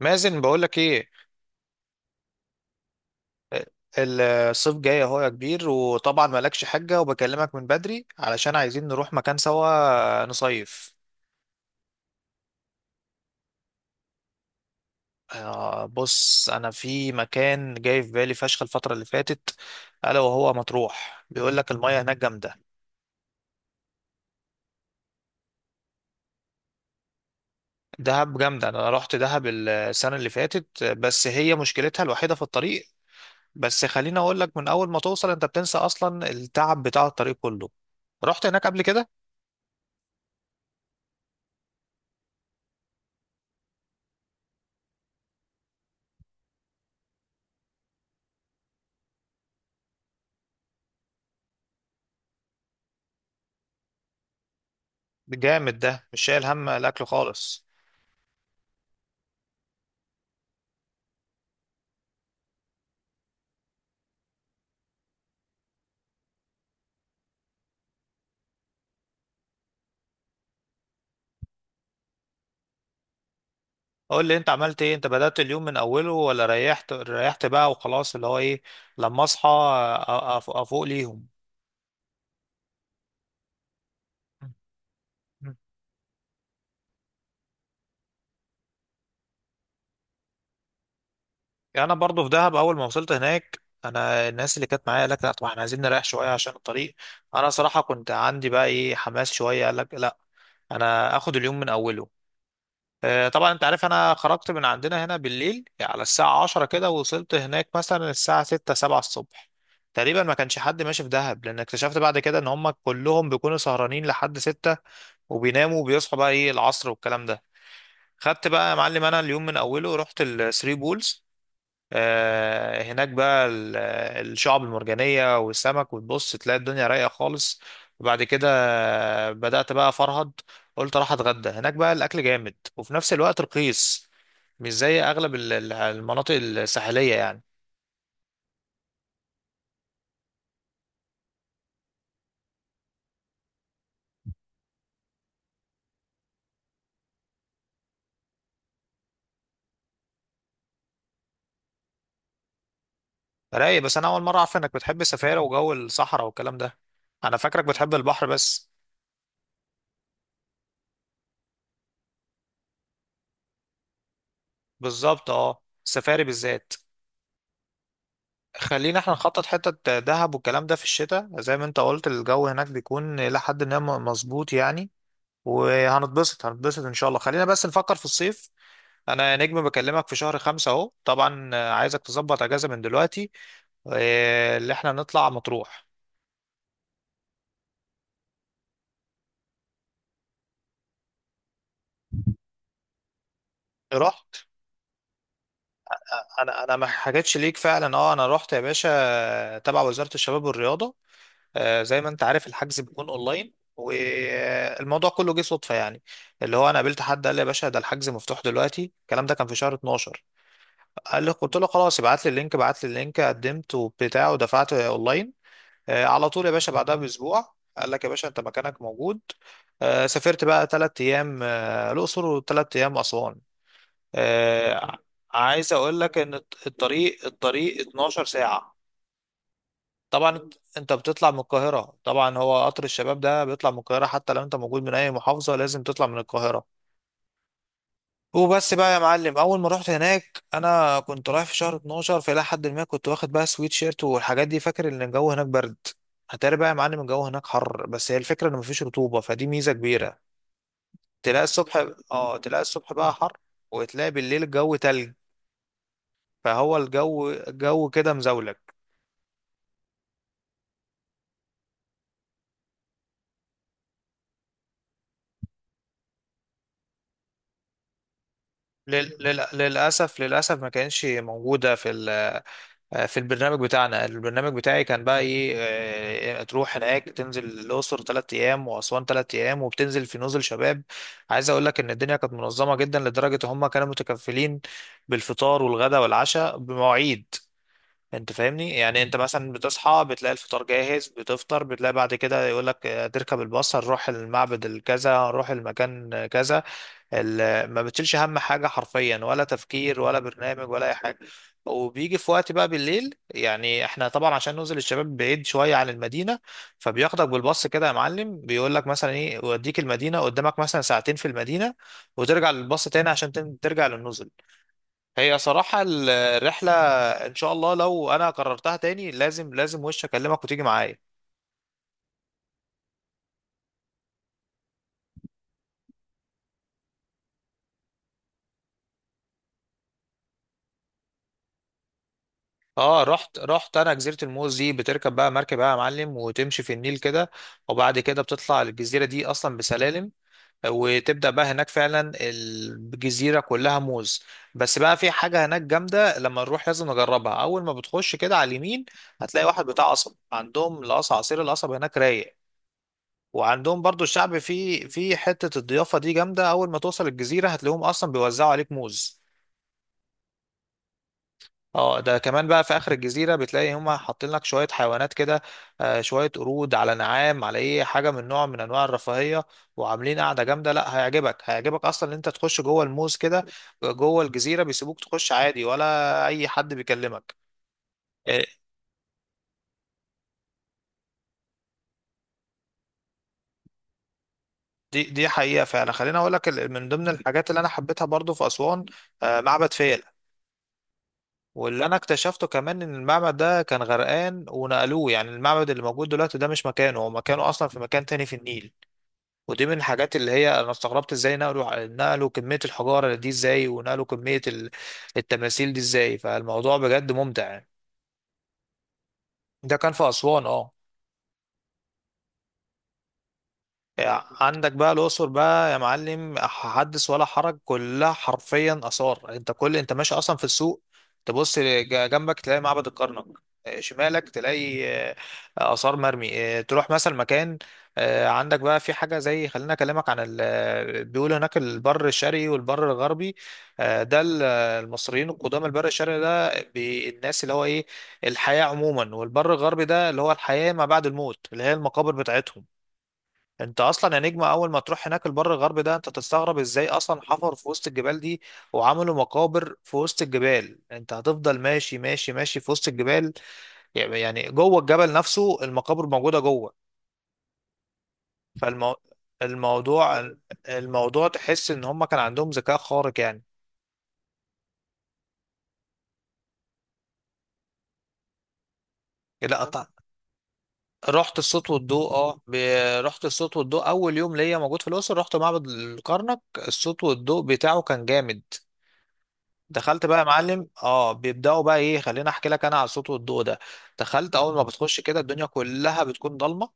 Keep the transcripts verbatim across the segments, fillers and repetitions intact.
مازن، بقولك ايه. الصيف جاي اهو يا كبير، وطبعا مالكش حاجة، وبكلمك من بدري علشان عايزين نروح مكان سوا نصيف. آه بص، انا في مكان جاي في بالي فشخ الفترة اللي فاتت، الا وهو مطروح، بيقولك المياه هناك جامدة. دهب جامدة. انا رحت دهب السنة اللي فاتت، بس هي مشكلتها الوحيدة في الطريق. بس خليني اقولك، من اول ما توصل انت بتنسى اصلا التعب بتاع الطريق كله. رحت هناك قبل كده؟ جامد، ده مش شايل هم الاكل خالص. قول لي انت عملت ايه، انت بدأت اليوم من اوله ولا ريحت، ريحت بقى وخلاص، اللي هو ايه، لما اصحى؟ أ- أف- افوق ليهم. انا برضو في دهب، اول ما وصلت هناك انا الناس اللي كانت معايا قالت لا طبعا احنا عايزين نريح شويه عشان الطريق. انا صراحه كنت عندي بقى ايه، حماس شويه. قال لك لا، انا اخد اليوم من اوله. آه، طبعا انت عارف انا خرجت من عندنا هنا بالليل على الساعة عشرة كده، ووصلت هناك مثلا الساعة ستة سبعة الصبح. تقريبا ما كانش حد ماشي في دهب، لان اكتشفت بعد كده ان هم كلهم بيكونوا سهرانين لحد ستة، وبيناموا وبيصحوا بقى ايه العصر والكلام ده. خدت بقى يا معلم، انا اليوم من اوله رحت الثري بولز. آه، هناك بقى ال- الشعب المرجانية والسمك، وتبص تلاقي الدنيا رايقة خالص. وبعد كده بدأت بقى أفرهد. قلت أروح أتغدى هناك، بقى الأكل جامد وفي نفس الوقت رخيص، مش زي أغلب ال- ال- المناطق الساحلية يعني. رايق. بس أنا أول مرة أعرف إنك بتحب السفاري وجو الصحراء والكلام ده، أنا فاكرك بتحب البحر بس. بالظبط، أه السفاري بالذات. خلينا احنا نخطط حتة دهب والكلام ده في الشتاء، زي ما انت قلت الجو هناك بيكون لحد ما مظبوط يعني. وهنتبسط هنتبسط ان شاء الله، خلينا بس نفكر في الصيف. انا يا نجم بكلمك في شهر خمسة اهو، طبعا آه، عايزك تظبط اجازة من دلوقتي، آه، اللي احنا نطلع مطروح. رحت. انا انا ما حكيتش ليك فعلا، اه انا رحت يا باشا، آه، تبع وزارة الشباب والرياضة. آه، زي ما انت عارف الحجز بيكون اونلاين، والموضوع كله جه صدفة يعني. اللي هو انا قابلت حد قال لي يا باشا ده الحجز مفتوح دلوقتي، الكلام ده كان في شهر اتناشر. قال لي، قلت له خلاص، ابعت لي اللينك، ابعت لي اللينك، قدمت وبتاع ودفعت اونلاين. آه، على طول يا باشا، بعدها باسبوع قال لك يا باشا انت مكانك موجود. آه، سافرت بقى ثلاث ايام آه، الاقصر وثلاث ايام اسوان. آه، عايز اقول لك ان الط- الطريق الطريق اتناشر ساعه. طبعا انت، أنت بتطلع من القاهره، طبعا هو قطر الشباب ده بيطلع من القاهره، حتى لو انت موجود من اي محافظه لازم تطلع من القاهره. وبس بقى يا معلم، اول ما رحت هناك انا كنت رايح في شهر اتناشر، فالى حد ما كنت واخد بقى سويت شيرت والحاجات دي، فاكر ان الجو هناك برد. هتاري بقى يا معلم الجو هناك حر، بس هي الفكره ان مفيش رطوبه فدي ميزه كبيره. تلاقي الصبح، اه تلاقي الصبح بقى حر، وتلاقي بالليل الجو تلج. فهو الجو الجو كده مزاولك. لل... لل... للاسف للاسف ما كانش موجوده في، آه، في البرنامج بتاعنا، البرنامج بتاعي كان بقى ايه، آه، آه، تروح هناك تنزل الأقصر تلات أيام وأسوان تلات أيام، وبتنزل في نزل شباب. عايز أقول لك إن الدنيا كانت منظمة جدا لدرجة هم كانوا متكفلين بالفطار والغداء والعشاء بمواعيد. انت فاهمني يعني، انت مثلا بتصحى بتلاقي الفطار جاهز، بتفطر بتلاقي بعد كده يقول لك آه، تركب الباص هنروح المعبد الكذا، هنروح المكان كذا. ال- ما بتشيلش هم حاجة حرفيا، ولا تفكير ولا برنامج ولا أي حاجة. وبيجي في وقت بقى بالليل، يعني احنا طبعا عشان ننزل الشباب بعيد شوية عن المدينة، فبياخدك بالباص كده يا معلم، بيقول لك مثلا ايه يوديك المدينة، قدامك مثلا ساعتين في المدينة، وترجع للباص تاني عشان تن- ترجع للنزل. هي صراحة ال- الرحلة، ان شاء الله لو انا قررتها تاني لازم لازم وش اكلمك وتيجي معايا. اه رحت رحت انا جزيره الموز دي، بتركب بقى مركب بقى يا معلم وتمشي في النيل كده، وبعد كده بتطلع الجزيره دي اصلا بسلالم، وتبدا بقى هناك فعلا الجزيره كلها موز. بس بقى في حاجه هناك جامده لما نروح لازم نجربها، اول ما بتخش كده على اليمين هتلاقي واحد بتاع قصب، عندهم القصب، عصير القصب هناك رايق. وعندهم برضو الشعب، في في حته الضيافه دي جامده، اول ما توصل الجزيره هتلاقيهم اصلا بيوزعوا عليك موز. اه ده كمان بقى في اخر الجزيره بتلاقي هما حاطين لك شويه حيوانات كده، آه، شويه قرود على نعام، على ايه حاجه من نوع من انواع الرفاهيه، وعاملين قاعده جامده. لا هيعجبك، هيعجبك اصلا ان انت تخش جوه الموز كده، جوه الجزيره بيسيبوك تخش عادي، ولا اي حد بيكلمك. آه، دي دي حقيقه فعلا. خليني اقول لك ال- من ضمن الحاجات اللي انا حبيتها برضو في اسوان، آه، معبد فيلة. واللي انا اكتشفته كمان ان المعبد ده كان غرقان ونقلوه، يعني المعبد اللي موجود دلوقتي ده مش مكانه، هو مكانه اصلا في مكان تاني في النيل. ودي من الحاجات اللي هي انا استغربت ازاي نقلوا، نقلوا كمية الحجارة دي ازاي، ونقلوا كمية ال- التماثيل دي ازاي، فالموضوع بجد ممتع يعني. ده كان في أسوان اه. عندك بقى الأقصر بقى يا معلم حدث ولا حرج، كلها حرفيا آثار. انت كل، انت ماشي أصلا في السوق، تبص لج- جنبك تلاقي معبد الكرنك، آه، شمالك تلاقي آه، آثار مرمي، آه، تروح مثلا مكان. آه، عندك بقى في حاجة زي، خلينا أكلمك عن ال... بيقولوا هناك البر الشرقي والبر الغربي. آه، ده ال- المصريين القدامى، البر الشرقي ده بي- الناس اللي هو إيه الحياة عموما، والبر الغربي ده اللي هو الحياة ما بعد الموت، اللي هي المقابر بتاعتهم. انت اصلا يا نجم اول ما تروح هناك البر الغربي ده، انت تستغرب ازاي اصلا حفروا في وسط الجبال دي، وعملوا مقابر في وسط الجبال. انت هتفضل ماشي ماشي ماشي في وسط الجبال، يعني يعني جوه الجبل نفسه المقابر موجودة جوه. فالمو... الموضوع، الموضوع تحس ان هم كان عندهم ذكاء خارق يعني. لا طبعا. رحت الصوت والضوء اه ب... رحت الصوت والضوء اول يوم ليا موجود في الاقصر، رحت معبد الكرنك، الصوت والضوء بتاعه كان جامد. دخلت بقى يا معلم، اه بيبداوا بقى ايه، خليني احكي لك انا على الصوت والضوء ده. دخلت، اول ما بتخش كده الدنيا كلها بتكون ضلمه،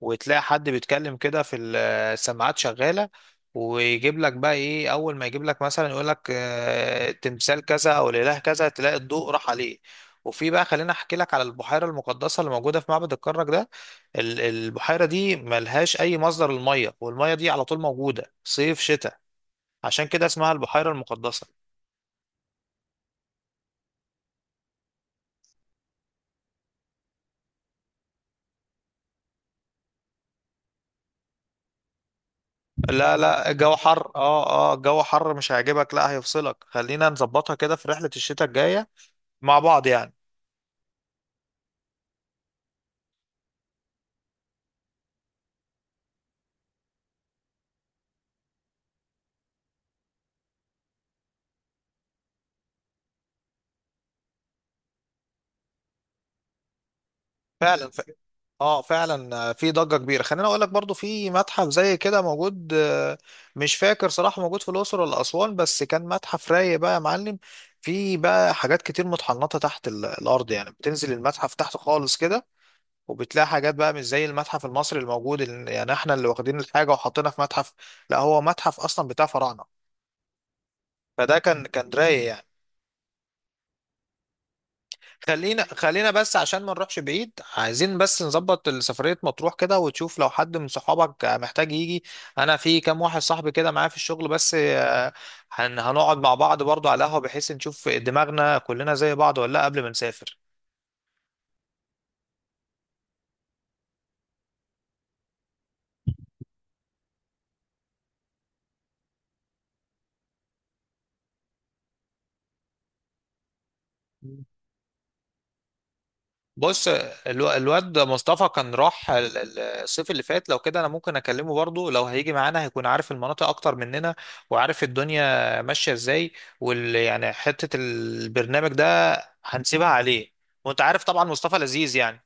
وتلاقي حد بيتكلم كده في ال- السماعات شغاله، ويجيب لك بقى ايه، اول ما يجيب لك مثلا يقول لك آه، تمثال كذا او الاله كذا، تلاقي الضوء راح عليه. وفي بقى خليني احكي لك على البحيره المقدسه اللي موجوده في معبد الكرنك ده. ال- البحيره دي ملهاش اي مصدر للميه، والميه دي على طول موجوده صيف شتاء، عشان كده اسمها البحيره المقدسه. لا لا، الجو حر، اه اه الجو حر مش هيعجبك، لا هيفصلك. خلينا نظبطها كده في رحلة الشتاء الجاية مع بعض يعني. فعلا ف... اه فعلا، آه، في ضجة كبيرة. خليني اقول لك برضو في متحف زي كده موجود، آه، مش فاكر صراحة موجود في الأقصر ولا أسوان، بس كان متحف رايق بقى يا معلم. في بقى حاجات كتير متحنطة تحت ال- الأرض، يعني بتنزل المتحف تحت خالص كده، وبتلاقي حاجات بقى مش زي المتحف المصري الموجود ال- يعني احنا اللي واخدين الحاجة وحاطينها في متحف، لا هو متحف أصلا بتاع فراعنة. فده كان كان رايق يعني. خلينا خلينا بس عشان ما نروحش بعيد، عايزين بس نظبط سفرية مطروح كده، وتشوف لو حد من صحابك محتاج يجي. انا في كام واحد صاحبي كده معايا في الشغل بس، آه، هن هنقعد مع بعض برضو على قهوة، بحيث نشوف دماغنا كلنا زي بعض ولا لا قبل ما نسافر. بص، الو- الواد مصطفى كان راح ال- ال- الصيف اللي فات، لو كده انا ممكن اكلمه برضه، لو هيجي معانا هيكون عارف المناطق اكتر مننا، وعارف الدنيا ماشية ازاي، وال يعني حتة البرنامج ده هنسيبها عليه. وانت عارف طبعا مصطفى لذيذ يعني.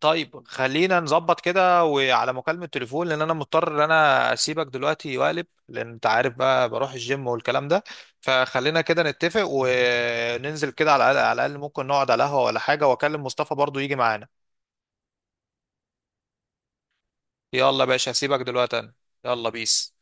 طيب خلينا نظبط كده وعلى مكالمة تليفون، لان انا مضطر ان انا اسيبك دلوقتي واقلب، لان انت عارف بقى بروح الجيم والكلام ده. فخلينا كده نتفق وننزل كده، على الاقل على الاقل ممكن نقعد على قهوة ولا حاجة، واكلم مصطفى برضو يجي معانا. يلا يا باشا هسيبك دلوقتي انا، يلا بيس.